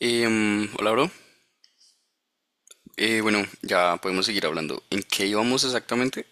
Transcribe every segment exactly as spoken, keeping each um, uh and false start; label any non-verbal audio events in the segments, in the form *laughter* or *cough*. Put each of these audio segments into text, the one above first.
Em, hola, bro. Eh, bueno, ya podemos seguir hablando. ¿En qué íbamos exactamente?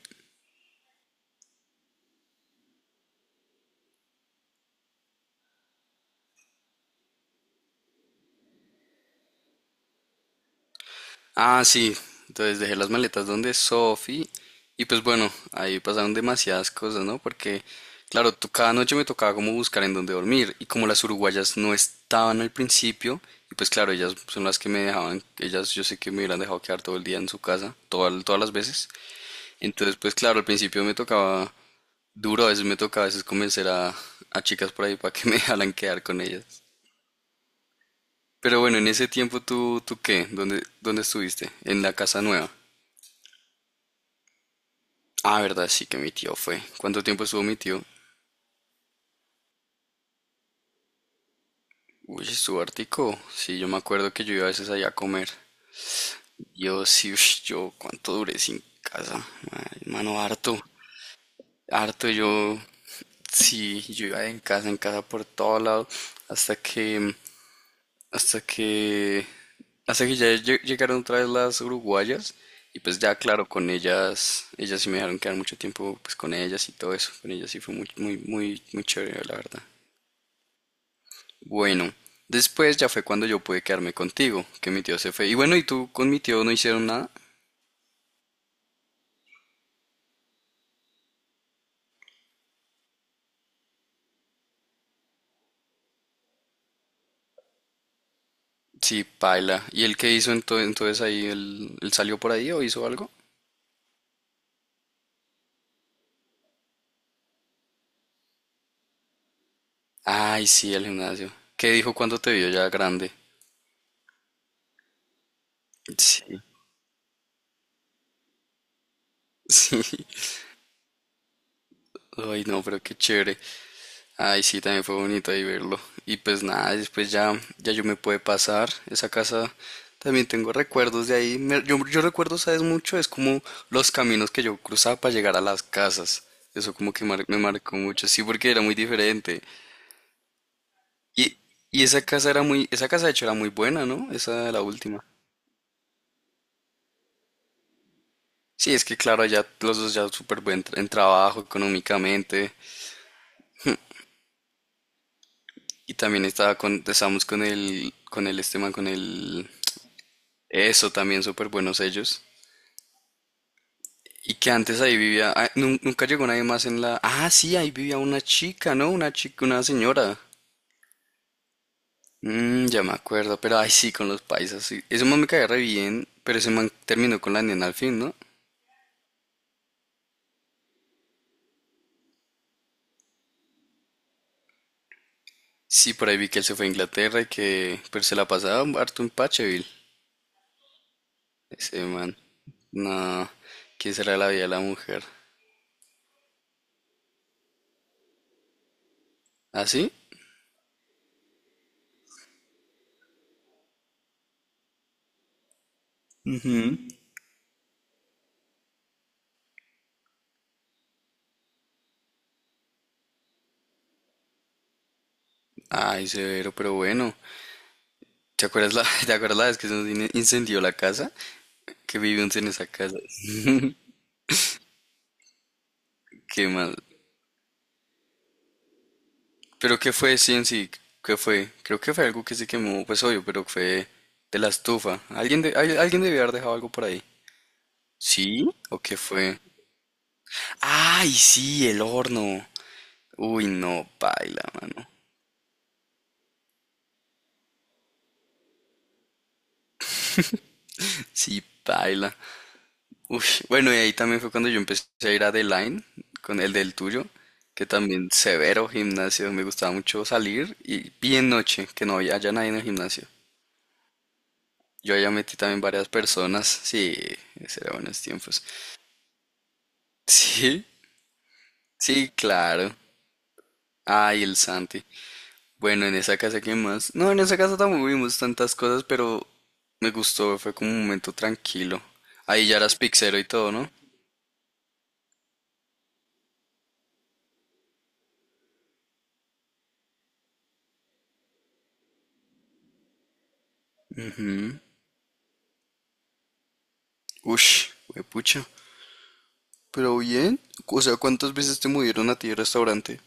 Ah, sí. Entonces dejé las maletas donde Sophie. Y pues bueno, ahí pasaron demasiadas cosas, ¿no? Porque, claro, tú- cada noche me tocaba como buscar en dónde dormir. Y como las uruguayas no estaban al principio, y pues claro, ellas son las que me dejaban, ellas yo sé que me hubieran dejado quedar todo el día en su casa, todas todas las veces. Entonces, pues claro, al principio me tocaba duro, a veces me tocaba a veces convencer a, a chicas por ahí para que *laughs* me dejaran quedar con ellas. Pero bueno, en ese tiempo tú, ¿tú qué? ¿Dónde, dónde estuviste? En la casa nueva. Ah, verdad, sí que mi tío fue. ¿Cuánto tiempo estuvo mi tío? Uy, estuvo hartico. Sí, yo me acuerdo que yo iba a veces allá a comer. Yo sí, ush, yo cuánto duré sin casa. Ay, Mano, harto. Harto yo. Sí, yo iba en casa, en casa por todo lado. Hasta que Hasta que, hasta que ya lle- llegaron otra vez las uruguayas y pues ya claro, con ellas, ellas sí me dejaron quedar mucho tiempo pues con ellas y todo eso, con ellas sí fue muy, muy, muy, muy chévere, la verdad. Bueno, después ya fue cuando yo pude quedarme contigo, que mi tío se fue. Y bueno, ¿y tú con mi tío no hicieron nada? Sí, paila. ¿Y él qué hizo ento- entonces ahí? ¿Él, él salió por ahí o hizo algo? Ay, sí, el gimnasio. ¿Qué dijo cuando te vio ya grande? Sí, *laughs* sí. Ay, no, pero qué chévere. Ay, sí, también fue bonito ahí verlo. Y pues nada, después ya, ya yo me pude pasar. Esa casa también tengo recuerdos de ahí. Me- yo, yo recuerdo, ¿sabes? Mucho, es como los caminos que yo cruzaba para llegar a las casas. Eso como que mar- me marcó mucho, sí, porque era muy diferente. Y, y esa casa era muy, esa casa de hecho era muy buena, ¿no? Esa la última. Sí, es que claro, allá los dos ya súper buen tra- en trabajo económicamente. Y también estaba con, estábamos con el, con el este man, con el, eso también súper buenos ellos. Y que antes ahí vivía, ah, nun- nunca llegó nadie más en la... Ah, sí, ahí vivía una chica, ¿no? Una chica, una señora. Mm, ya me acuerdo, pero ay sí, con los paisas, sí. Ese man me caía re bien, pero ese man terminó con la nena al fin, ¿no? Sí, por ahí vi que él se fue a Inglaterra y que... Pero se la pasaba harto en Pacheville, ese man. No, ¿quién será la vida de la mujer? ¿Ah, sí? Ay, severo, pero bueno. ¿Te acuerdas la, *laughs* ¿te acuerdas la vez que se nos in- incendió la casa? Que vivimos en esa casa. Qué mal. ¿Pero qué fue, sí, en sí? ¿Qué fue? Creo que fue algo que se quemó, pues obvio, pero fue de la estufa. Alguien, de- al- alguien debió haber dejado algo por ahí. ¿Sí? ¿O qué fue? ¡Ay, sí! El horno. Uy, no, paila, mano. *laughs* Sí, paila. Uy, bueno, y ahí también fue cuando yo empecé a ir a The Line, con el del tuyo, que también severo gimnasio. Me gustaba mucho salir y bien noche, que no había haya nadie en el gimnasio. Yo allá metí también varias personas. Sí, ese era buenos tiempos. *laughs* Sí, sí, claro. Ay, el Santi. Bueno, en esa casa, ¿qué más? No, en esa casa tampoco vimos tantas cosas, pero me gustó, fue como un momento tranquilo. Ahí ya eras pixero y todo, ¿no? Ush, pucha. Pero bien, o sea, ¿cuántas veces te movieron a ti el restaurante?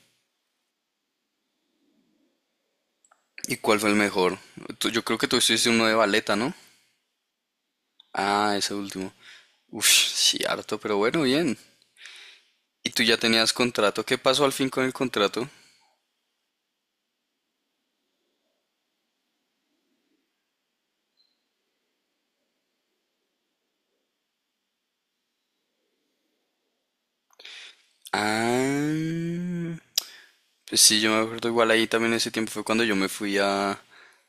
¿Y cuál fue el mejor? Tú- yo creo que tú hiciste uno de baleta, ¿no? Ah, ese último. Uff, sí, harto, pero bueno, bien. ¿Y tú ya tenías contrato? ¿Qué pasó al fin con el contrato? Ah, pues sí, yo me acuerdo igual ahí también ese tiempo fue cuando yo me fui a,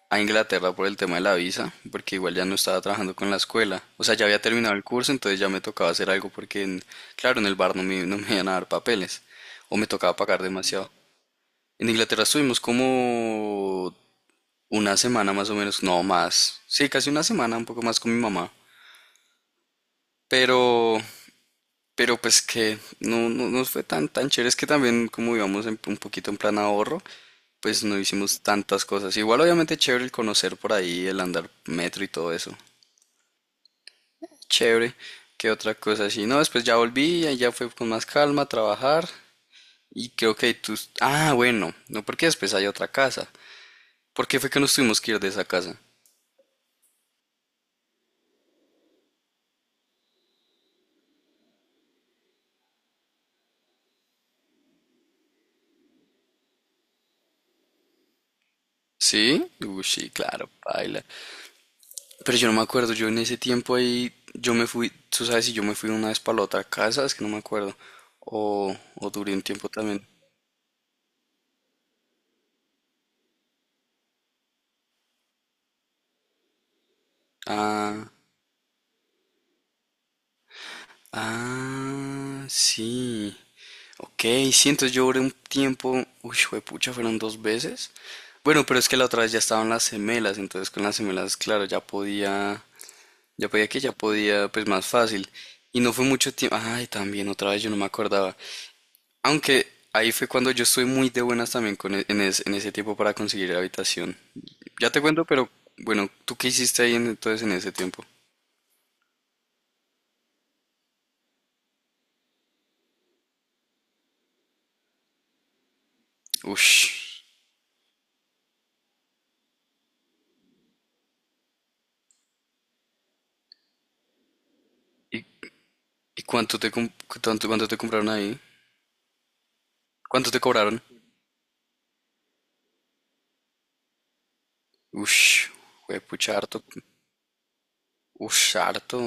a Inglaterra por el tema de la visa, porque igual ya no estaba trabajando con la escuela. O sea, ya había terminado el curso, entonces ya me tocaba hacer algo porque, en- claro, en el bar no me, no me iban a dar papeles o me tocaba pagar demasiado. En Inglaterra estuvimos como una semana más o menos, no más. Sí, casi una semana, un poco más con mi mamá. Pero Pero pues que no, no nos fue tan, tan chévere. Es que también como íbamos en- un poquito en plan ahorro, pues no hicimos tantas cosas. Igual obviamente chévere el conocer por ahí, el andar metro y todo eso. Chévere. ¿Qué otra cosa así? No, después ya volví, ahí ya fue con más calma a trabajar. Y creo que ahí tus... Ah, bueno, no porque después hay otra casa. ¿Por qué fue que nos tuvimos que ir de esa casa? ¿Sí? Uy, sí, claro, baila. Pero yo no me acuerdo, yo en ese tiempo ahí, yo me fui, tú sabes si yo me fui una vez para la otra casa, es que no me acuerdo, o, o duré un tiempo también. Ah, ah, sí, ok, sí, entonces yo duré un tiempo, uy, pucha, fueron dos veces. Bueno, pero es que la otra vez ya estaban las gemelas, entonces con las gemelas, claro, ya podía, ya podía que ya podía, pues más fácil. Y no fue mucho tiempo, ay, también otra vez yo no me acordaba. Aunque ahí fue cuando yo estuve muy de buenas también con e- en, es- en ese tiempo para conseguir la habitación. Ya te cuento, pero bueno, ¿tú qué hiciste ahí en- entonces en ese tiempo? Ush. ¿Y cuánto te, com- cuánto, cuánto te compraron ahí? ¿Cuánto te cobraron? Ush, pucha, harto. Ush, harto.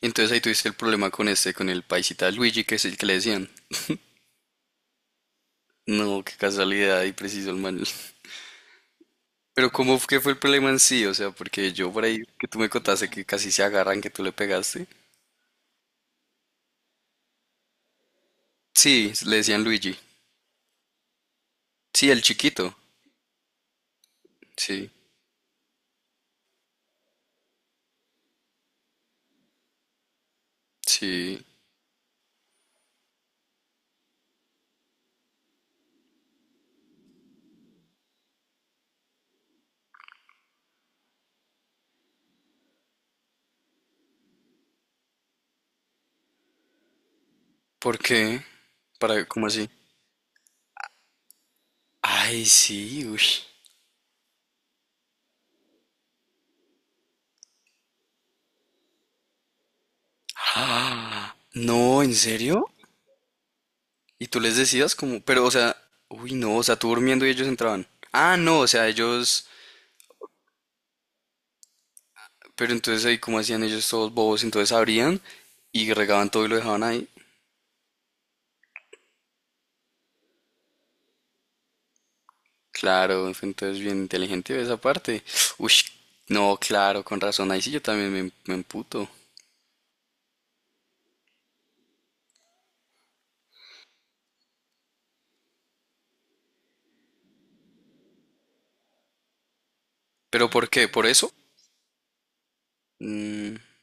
Entonces ahí tuviste el problema con este, con el paisita Luigi, que es el que le decían. No, qué casualidad, y preciso el man. *laughs* Pero ¿cómo fue que fue el problema en sí? O sea, porque yo por ahí que tú me contaste que casi se agarran, que tú le pegaste. Sí, le decían Luigi. Sí, el chiquito. Sí, sí. ¿Por qué? ¿Para cómo así? Ay, sí, uy. Ah, no, ¿en serio? ¿Y tú les decías como, pero, o sea, uy, no, o sea, tú durmiendo y ellos entraban? Ah, no, o sea, ellos, pero entonces ahí cómo hacían ellos todos bobos, entonces abrían y regaban todo y lo dejaban ahí. Claro, entonces bien inteligente de esa parte. Uy, no, claro, con razón, ahí sí yo también me, me emputo. ¿Pero por qué? ¿Por eso?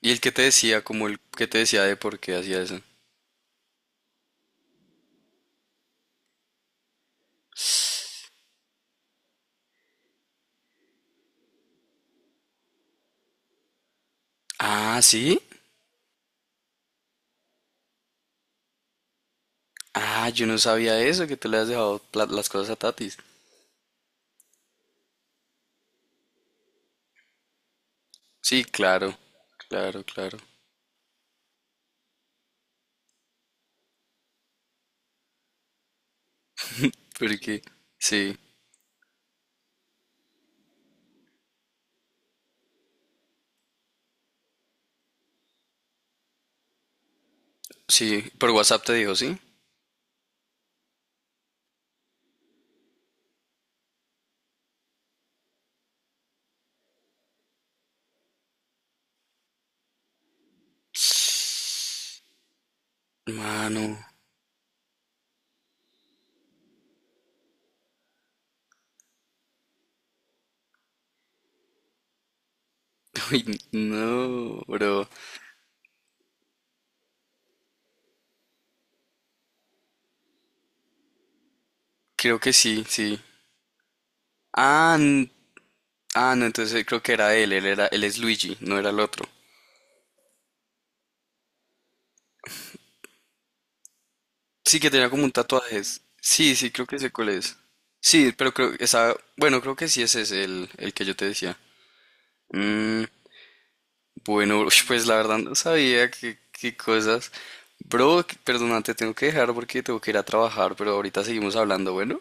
¿Y el que te decía, como el que te decía de por qué hacía eso? Ah, ¿sí? Ah, yo no sabía eso, que tú le has dejado pla- las cosas a Tatis. Sí, claro, claro, claro. Porque, sí, sí, por WhatsApp te dijo, ¿sí? Mano, *laughs* uy, no, bro. Creo que sí, sí. Ah, n- ah, no, entonces creo que era él, él era, él es Luigi, no era el otro. Sí, que tenía como un tatuaje. Sí, sí, creo que sé cuál es. Sí, pero creo, esa, bueno, creo que sí ese es el, el que yo te decía. Mm, bueno, *laughs* ush, pues la verdad no sabía qué, qué cosas. Bro, perdona, te tengo que dejar porque tengo que ir a trabajar, pero ahorita seguimos hablando, bueno.